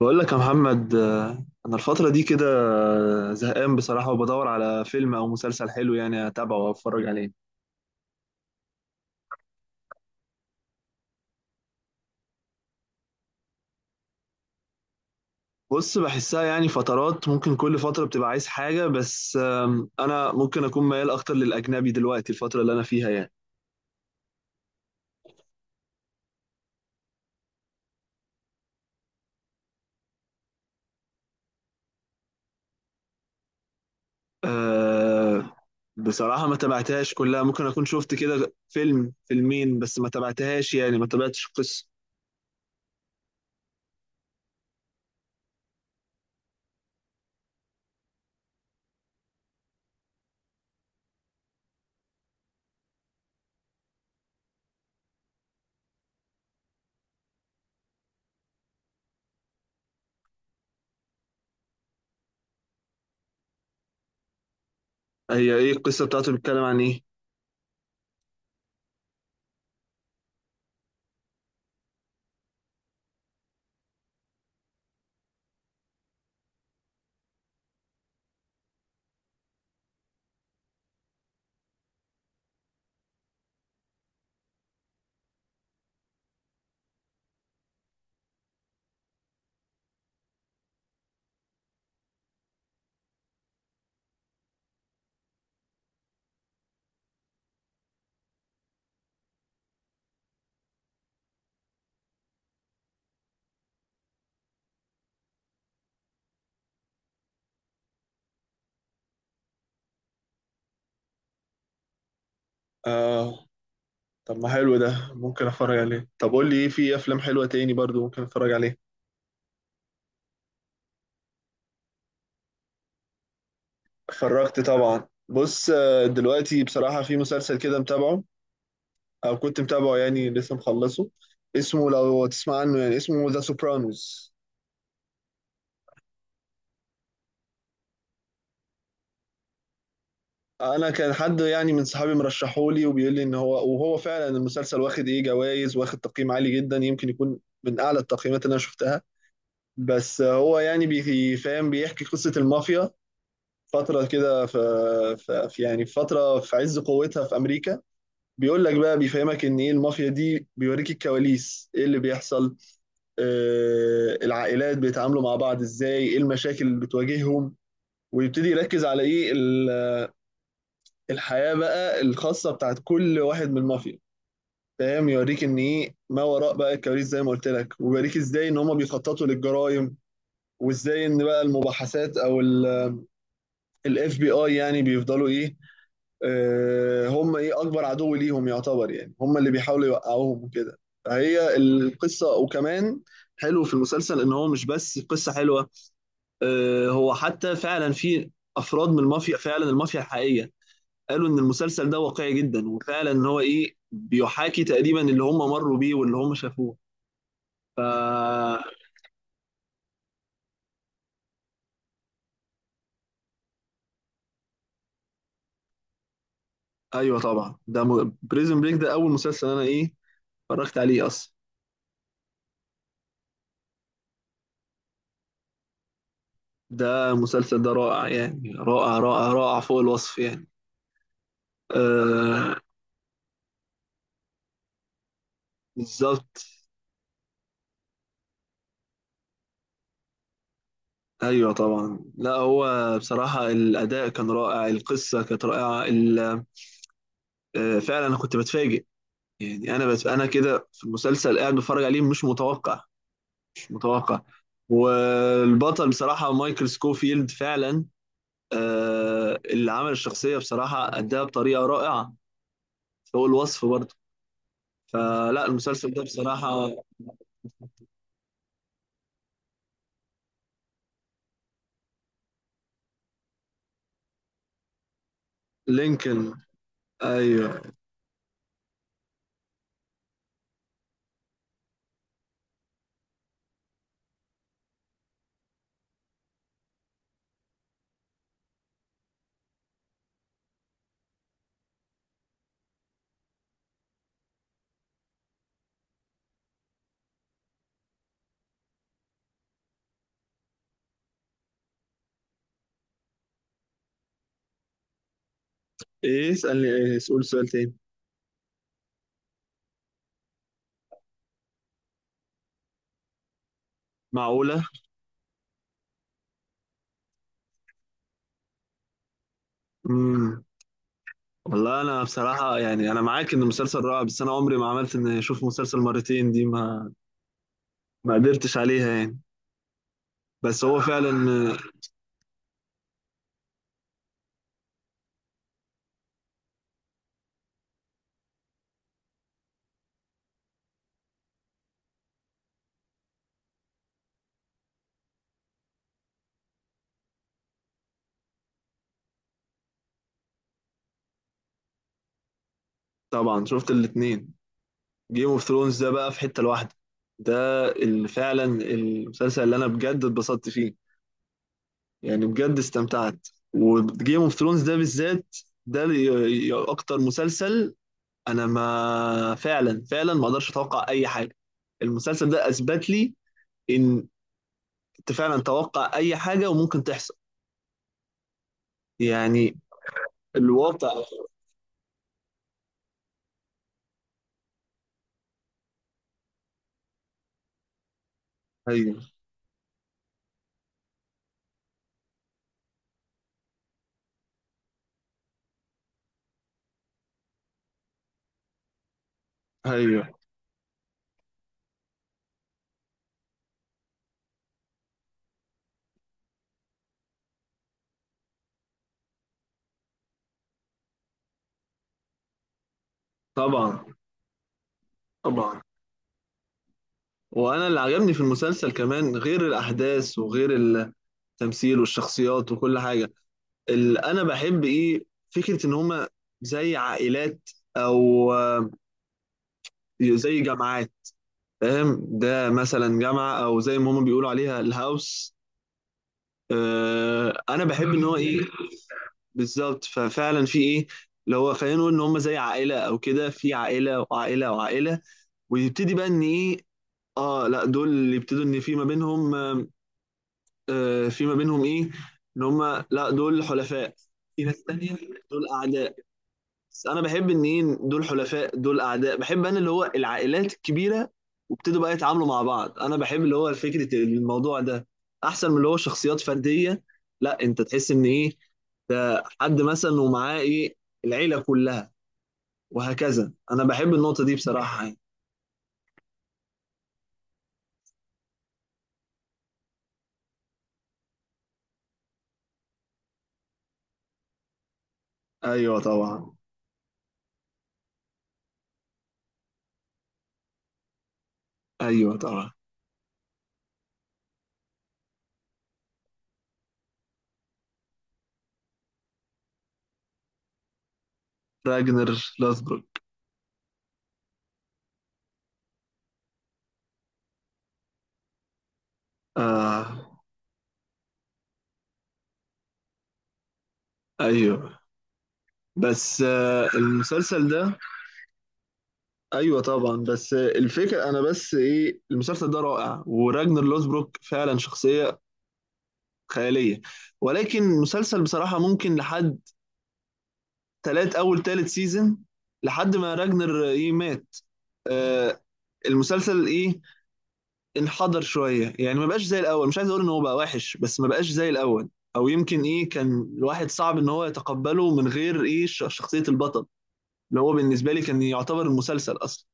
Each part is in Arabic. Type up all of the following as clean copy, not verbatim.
بقول لك يا محمد، انا الفتره دي كده زهقان بصراحه، وبدور على فيلم او مسلسل حلو يعني اتابعه واتفرج عليه. بص، بحسها يعني فترات، ممكن كل فتره بتبقى عايز حاجه، بس انا ممكن اكون ميال اكتر للاجنبي دلوقتي الفتره اللي انا فيها يعني. أه. بصراحه ما تابعتهاش كلها، ممكن اكون شفت كده فيلم فيلمين، بس ما تابعتهاش يعني ما تابعتش القصه. هي ايه القصه بتاعته؟ بيتكلم عن ايه؟ آه. طب ما حلو، ده ممكن اتفرج عليه. طب قول لي، ايه في افلام حلوه تاني برضو ممكن اتفرج عليه؟ اتفرجت طبعا. بص، دلوقتي بصراحه في مسلسل كده متابعه، او كنت متابعه يعني لسه مخلصه. اسمه لو تسمع عنه، يعني اسمه ذا سوبرانوز. انا كان حد يعني من صحابي مرشحولي وبيقول لي ان هو، وهو فعلا المسلسل واخد ايه جوائز، واخد تقييم عالي جدا، يمكن يكون من اعلى التقييمات اللي انا شفتها. بس هو يعني بيفهم، بيحكي قصه المافيا فترة كده يعني في فترة في عز قوتها في أمريكا. بيقول لك بقى، بيفهمك إن إيه المافيا دي، بيوريك الكواليس، إيه اللي بيحصل. آه، العائلات بيتعاملوا مع بعض إزاي، إيه المشاكل اللي بتواجههم. ويبتدي يركز على إيه الحياة بقى الخاصة بتاعت كل واحد من المافيا. فاهم، يوريك إن إيه ما وراء بقى الكواليس زي ما قلت لك، ويوريك إزاي إن هما بيخططوا للجرائم، وإزاي إن بقى المباحثات أو ال اف بي اي يعني بيفضلوا ايه. آه، هم ايه اكبر عدو ليهم يعتبر، يعني هم اللي بيحاولوا يوقعوهم وكده. فهي القصه. وكمان حلو في المسلسل ان هو مش بس قصه حلوه، آه، هو حتى فعلا في افراد من المافيا، فعلا المافيا الحقيقيه، قالوا ان المسلسل ده واقعي جدا، وفعلا ان هو ايه بيحاكي تقريبا اللي هم مروا بيه واللي هم شافوه. فا. ايوه طبعا، ده م... بريزن بريك ده اول مسلسل انا ايه اتفرجت عليه اصلا. ده المسلسل ده رائع، يعني رائع رائع رائع، فوق الوصف يعني. آه. بالظبط. ايوه طبعا. لا هو بصراحه الاداء كان رائع، القصه كانت رائعه، آه فعلا انا كنت بتفاجئ. يعني انا كده في المسلسل قاعد بتفرج عليه، مش متوقع، مش متوقع. والبطل بصراحه مايكل سكوفيلد فعلا، آه، اللي عمل الشخصيه بصراحه اداها بطريقه رائعه، فوق الوصف برضه. فلا المسلسل ده بصراحه. لينكولن. ايوه. ايه؟ اسالني، ايه؟ اسال سؤال تاني. معقوله؟ امم والله، انا بصراحه يعني انا معاك ان المسلسل رائع، بس انا عمري ما عملت ان اشوف مسلسل مرتين، دي ما، ما قدرتش عليها يعني. بس هو فعلا. طبعا، شفت الاتنين. جيم اوف ثرونز ده بقى في حته لوحده. ده اللي فعلا المسلسل اللي انا بجد اتبسطت فيه، يعني بجد استمتعت. وجيم اوف ثرونز ده بالذات، ده اللي اكتر مسلسل انا ما فعلا فعلا ما اقدرش اتوقع اي حاجه. المسلسل ده اثبت لي ان انت فعلا توقع اي حاجه وممكن تحصل يعني. الوضع. ايوه، ايوه طبعا، طبعا. وانا اللي عجبني في المسلسل كمان غير الاحداث وغير التمثيل والشخصيات وكل حاجه، اللي انا بحب ايه فكره ان هما زي عائلات، او آه، زي جامعات. فاهم، ده مثلا جامعه او زي ما هما بيقولوا عليها الهاوس. آه، انا بحب ان هو ايه. بالظبط. ففعلا في ايه، اللي هو خلينا نقول ان هم زي عائله او كده، في عائله وعائله وعائله، ويبتدي بقى ان ايه. اه لا، دول اللي يبتدوا ان في ما بينهم آه، آه، في ما بينهم ايه، ان هم لا دول حلفاء. في ناس تانية دول اعداء. بس انا بحب ان ايه دول حلفاء دول اعداء، بحب انا اللي هو العائلات الكبيره، وابتدوا بقى يتعاملوا مع بعض. انا بحب اللي هو فكره الموضوع ده، احسن من اللي هو شخصيات فرديه. لا، انت تحس ان ايه ده حد مثلا ومعاه ايه العيله كلها، وهكذا. انا بحب النقطه دي بصراحه يعني. ايوه طبعا. ايوه طبعا. راجنر لاثبروك. آه. ايوه، بس آه المسلسل ده. ايوه طبعا، بس آه الفكره، انا بس ايه المسلسل ده رائع، وراجنر لوزبروك فعلا شخصيه خياليه، ولكن المسلسل بصراحه ممكن لحد تلات، اول تالت سيزون، لحد ما راجنر ايه مات، آه، المسلسل ايه انحدر شويه، يعني ما بقاش زي الاول، مش عايز اقول ان هو بقى وحش، بس ما بقاش زي الاول. او يمكن ايه كان الواحد صعب ان هو يتقبله من غير ايه شخصيه البطل، اللي هو بالنسبة لي كان يعتبر المسلسل أصلا.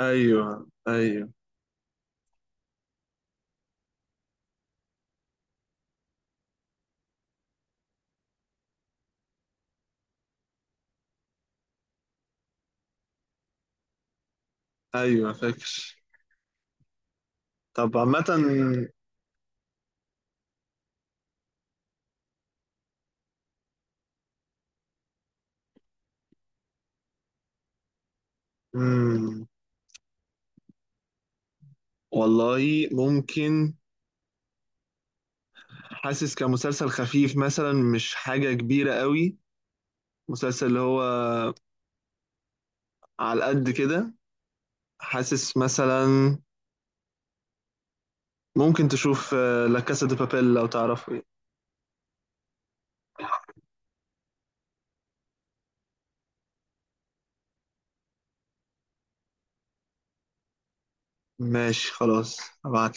ايوه، ايوه. ايوه فاكر. طب عامة. مم، والله ممكن، حاسس كمسلسل خفيف مثلا، مش حاجة كبيرة قوي، مسلسل اللي هو على قد كده، حاسس مثلا ممكن تشوف، آه، لا كاسا دي بابيل، لو تعرفه. ماشي خلاص، هبعت